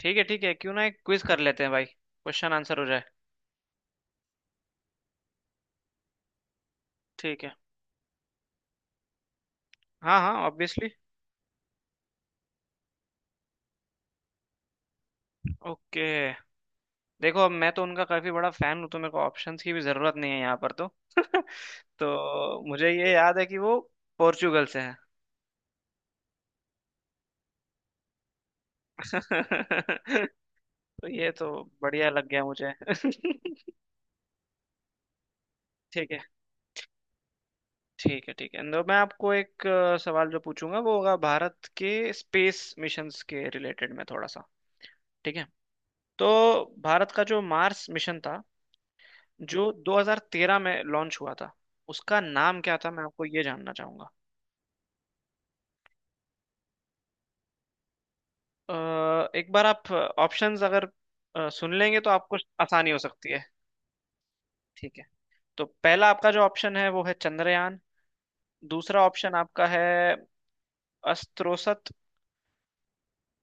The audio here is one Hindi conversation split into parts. ठीक है, ठीक है, क्यों ना एक क्विज कर लेते हैं भाई, क्वेश्चन आंसर हो जाए। ठीक है। हाँ हाँ, ऑब्वियसली। ओके। देखो, अब मैं तो उनका काफी बड़ा फैन हूँ तो मेरे को ऑप्शंस की भी जरूरत नहीं है यहाँ पर तो तो मुझे ये याद है कि वो पोर्चुगल से है। तो ये तो बढ़िया लग गया मुझे। ठीक है। ठीक है, ठीक है, तो मैं आपको एक सवाल जो पूछूंगा वो होगा भारत के स्पेस मिशंस के रिलेटेड में थोड़ा सा। ठीक है। तो भारत का जो मार्स मिशन था, जो 2013 में लॉन्च हुआ था, उसका नाम क्या था मैं आपको ये जानना चाहूंगा। अ, एक बार आप ऑप्शंस अगर सुन लेंगे तो आपको आसानी हो सकती है। ठीक है। तो पहला आपका जो ऑप्शन है वो है चंद्रयान। दूसरा ऑप्शन आपका है अस्त्रोसत।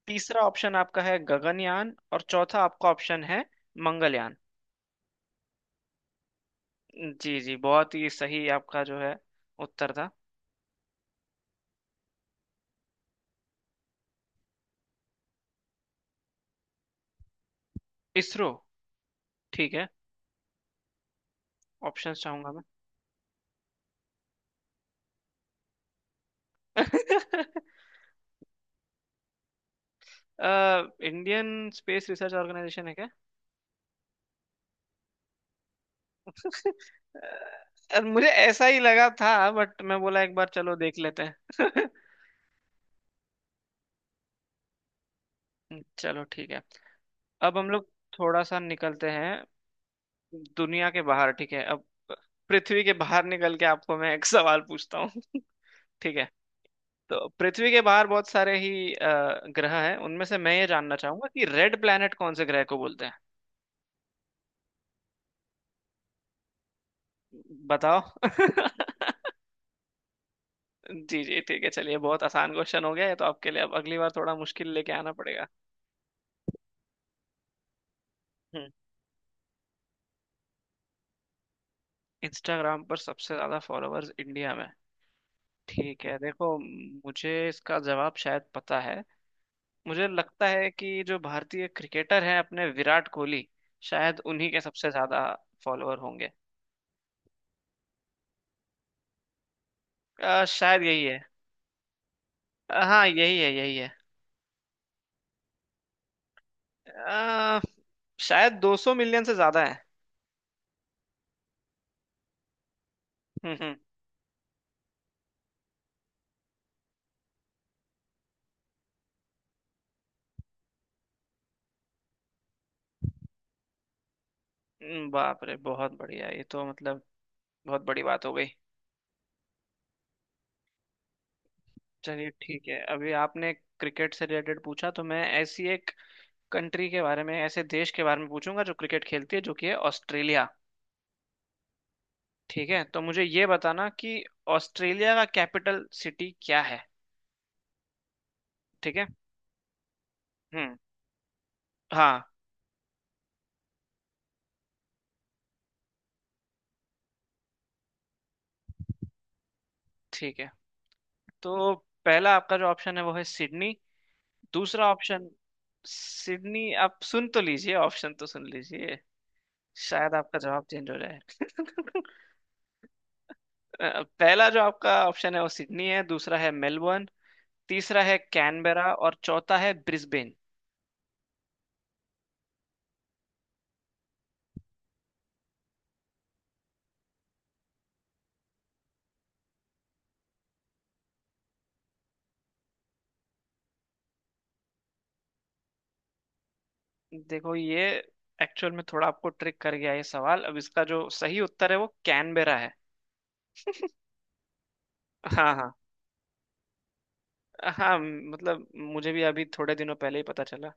तीसरा ऑप्शन आपका है गगनयान और चौथा आपका ऑप्शन है मंगलयान। जी जी, बहुत ही सही आपका जो है उत्तर था। इसरो। ठीक है, ऑप्शंस चाहूंगा मैं। इंडियन स्पेस रिसर्च ऑर्गेनाइजेशन है क्या? मुझे ऐसा ही लगा था बट मैं बोला एक बार चलो देख लेते हैं। चलो ठीक है। अब हम लोग थोड़ा सा निकलते हैं दुनिया के बाहर। ठीक है, अब पृथ्वी के बाहर निकल के आपको मैं एक सवाल पूछता हूँ। ठीक है। तो पृथ्वी के बाहर बहुत सारे ही ग्रह हैं, उनमें से मैं ये जानना चाहूंगा कि रेड प्लैनेट कौन से ग्रह को बोलते हैं। बताओ। जी जी, ठीक है। चलिए बहुत आसान क्वेश्चन हो गया है तो आपके लिए, अब अगली बार थोड़ा मुश्किल लेके आना पड़ेगा। हम्म। इंस्टाग्राम पर सबसे ज्यादा फॉलोअर्स इंडिया में। ठीक है, देखो मुझे इसका जवाब शायद पता है। मुझे लगता है कि जो भारतीय क्रिकेटर हैं अपने विराट कोहली, शायद उन्हीं के सबसे ज्यादा फॉलोअर होंगे। शायद यही है। हाँ यही है, यही है। अ, शायद 200 मिलियन से ज्यादा है। हम्म। बाप रे बहुत बढ़िया, ये तो मतलब बहुत बड़ी बात हो गई। चलिए ठीक है। अभी आपने क्रिकेट से रिलेटेड पूछा तो मैं ऐसी एक कंट्री के बारे में, ऐसे देश के बारे में पूछूंगा जो क्रिकेट खेलती है, जो कि है ऑस्ट्रेलिया। ठीक है, तो मुझे ये बताना कि ऑस्ट्रेलिया का कैपिटल सिटी क्या है। ठीक है। हम्म। हाँ। ठीक है, तो पहला आपका जो ऑप्शन है वो है सिडनी। दूसरा ऑप्शन, सिडनी आप सुन तो लीजिए, ऑप्शन तो सुन लीजिए, शायद आपका जवाब चेंज हो जाए। पहला जो आपका ऑप्शन है वो सिडनी है, दूसरा है मेलबर्न, तीसरा है कैनबेरा और चौथा है ब्रिस्बेन। देखो ये एक्चुअल में थोड़ा आपको ट्रिक कर गया ये सवाल। अब इसका जो सही उत्तर है वो कैनबेरा है। हाँ हाँ हाँ, मतलब मुझे भी अभी थोड़े दिनों पहले ही पता चला।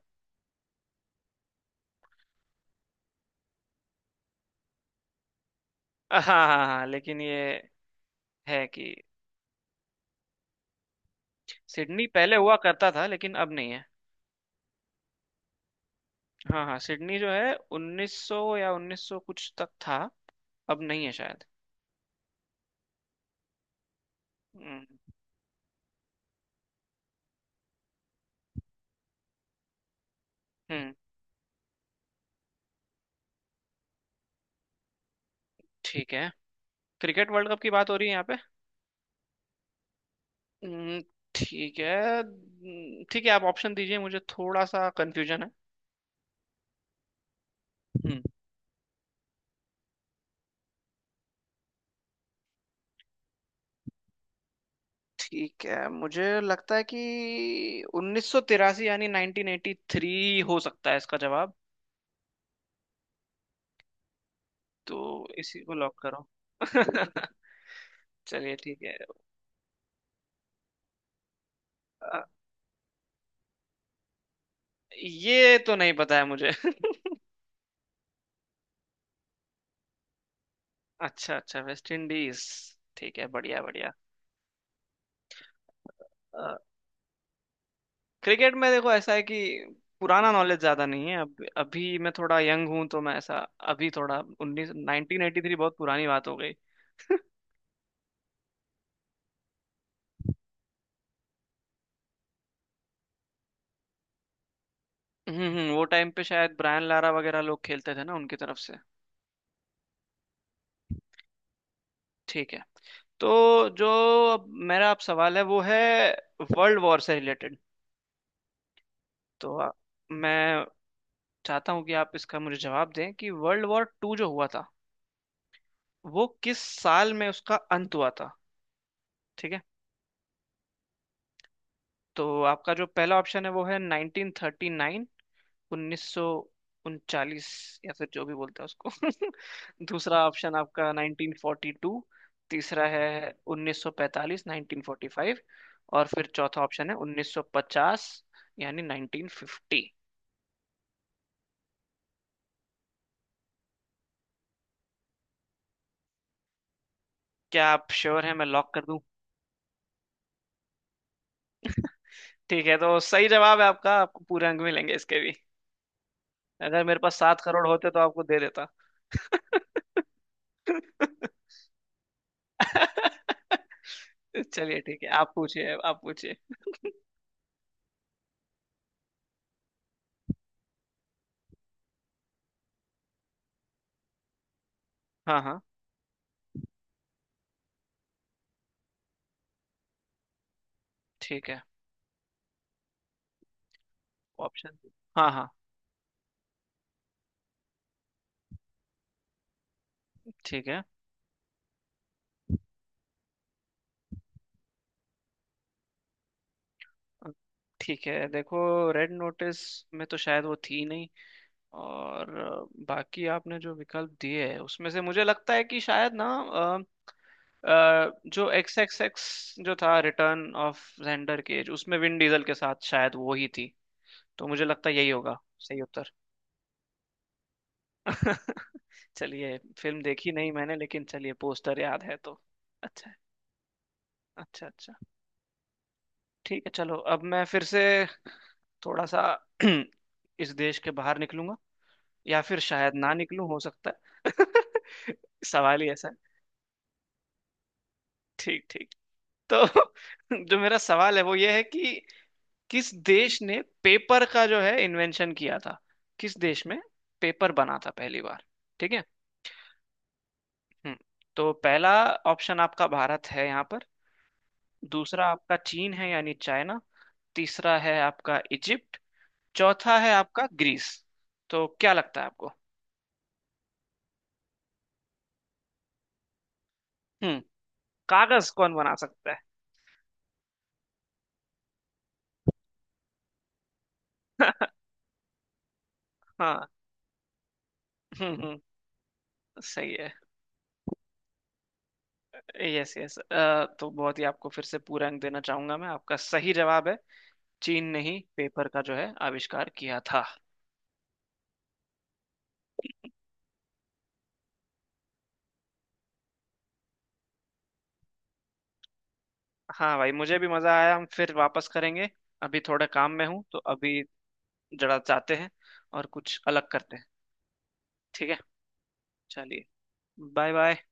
हाँ हाँ हाँ, लेकिन ये है कि सिडनी पहले हुआ करता था लेकिन अब नहीं है। हाँ हाँ, सिडनी जो है 1900 या 1900 कुछ तक था, अब नहीं है शायद। हम्म हम्म, ठीक है। क्रिकेट वर्ल्ड कप की बात हो रही है यहाँ पे। हम्म, ठीक है। ठीक है, आप ऑप्शन दीजिए मुझे थोड़ा सा कंफ्यूजन है। हम्म। ठीक है, मुझे लगता है कि 1983, यानी 1983 हो सकता है इसका जवाब। तो इसी को लॉक करो। चलिए ठीक है। अ, ये तो नहीं पता है मुझे। अच्छा अच्छा, वेस्ट इंडीज। ठीक है, बढ़िया बढ़िया। क्रिकेट में देखो ऐसा है कि पुराना नॉलेज ज्यादा नहीं है, अब अभी मैं थोड़ा यंग हूँ तो मैं ऐसा। अभी थोड़ा उन्नीस, नाइनटीन एटी थ्री, बहुत पुरानी बात हो गई। वो टाइम पे शायद ब्रायन लारा वगैरह लोग खेलते थे ना उनकी तरफ से। ठीक है, तो जो अब मेरा अब सवाल है वो है वर्ल्ड वॉर से रिलेटेड। तो मैं चाहता हूँ कि आप इसका मुझे जवाब दें कि वर्ल्ड वॉर टू जो हुआ था वो किस साल में उसका अंत हुआ था। ठीक है, तो आपका जो पहला ऑप्शन है वो है 1939, उन्नीस सौ उनचालीस, या फिर जो भी बोलते हैं उसको। दूसरा ऑप्शन आपका 1942, तीसरा है 1945, 1945 और फिर चौथा ऑप्शन है 1950, यानी 1950। क्या आप श्योर हैं? मैं लॉक कर दूं? ठीक है, तो सही जवाब है आपका, आपको पूरे अंक मिलेंगे इसके भी। अगर मेरे पास 7 करोड़ होते तो आपको दे देता। चलिए ठीक है, आप पूछिए आप पूछिए। हाँ हाँ। ठीक है, ऑप्शन। हाँ हाँ। ठीक है, ठीक है, देखो रेड नोटिस में तो शायद वो थी नहीं, और बाकी आपने जो विकल्प दिए हैं उसमें से मुझे लगता है कि शायद ना, जो एक्स एक्स एक्स जो था, रिटर्न ऑफ जेंडर केज, उसमें विन डीजल के साथ शायद वो ही थी। तो मुझे लगता है यही होगा सही उत्तर। चलिए फिल्म देखी नहीं मैंने, लेकिन चलिए पोस्टर याद है तो अच्छा है। अच्छा अच्छा। ठीक है, चलो अब मैं फिर से थोड़ा सा इस देश के बाहर निकलूंगा, या फिर शायद ना निकलूं, हो सकता है। सवाल ही ऐसा है। ठीक ठीक। तो जो मेरा सवाल है वो ये है कि किस देश ने पेपर का जो है इन्वेंशन किया था, किस देश में पेपर बना था पहली बार। ठीक है। हम्म। तो पहला ऑप्शन आपका भारत है यहाँ पर, दूसरा आपका चीन है यानी चाइना, तीसरा है आपका इजिप्ट, चौथा है आपका ग्रीस। तो क्या लगता है आपको? हम्म। कागज कौन बना सकता है? हाँ हम्म हम्म, सही है। यस यस, तो बहुत ही आपको फिर से पूरा अंक देना चाहूंगा मैं, आपका सही जवाब है। चीन ने ही पेपर का जो है आविष्कार किया था। हाँ भाई, मुझे भी मजा आया, हम फिर वापस करेंगे। अभी थोड़ा काम में हूँ तो अभी जरा जाते हैं और कुछ अलग करते हैं। ठीक है। चलिए, बाय बाय।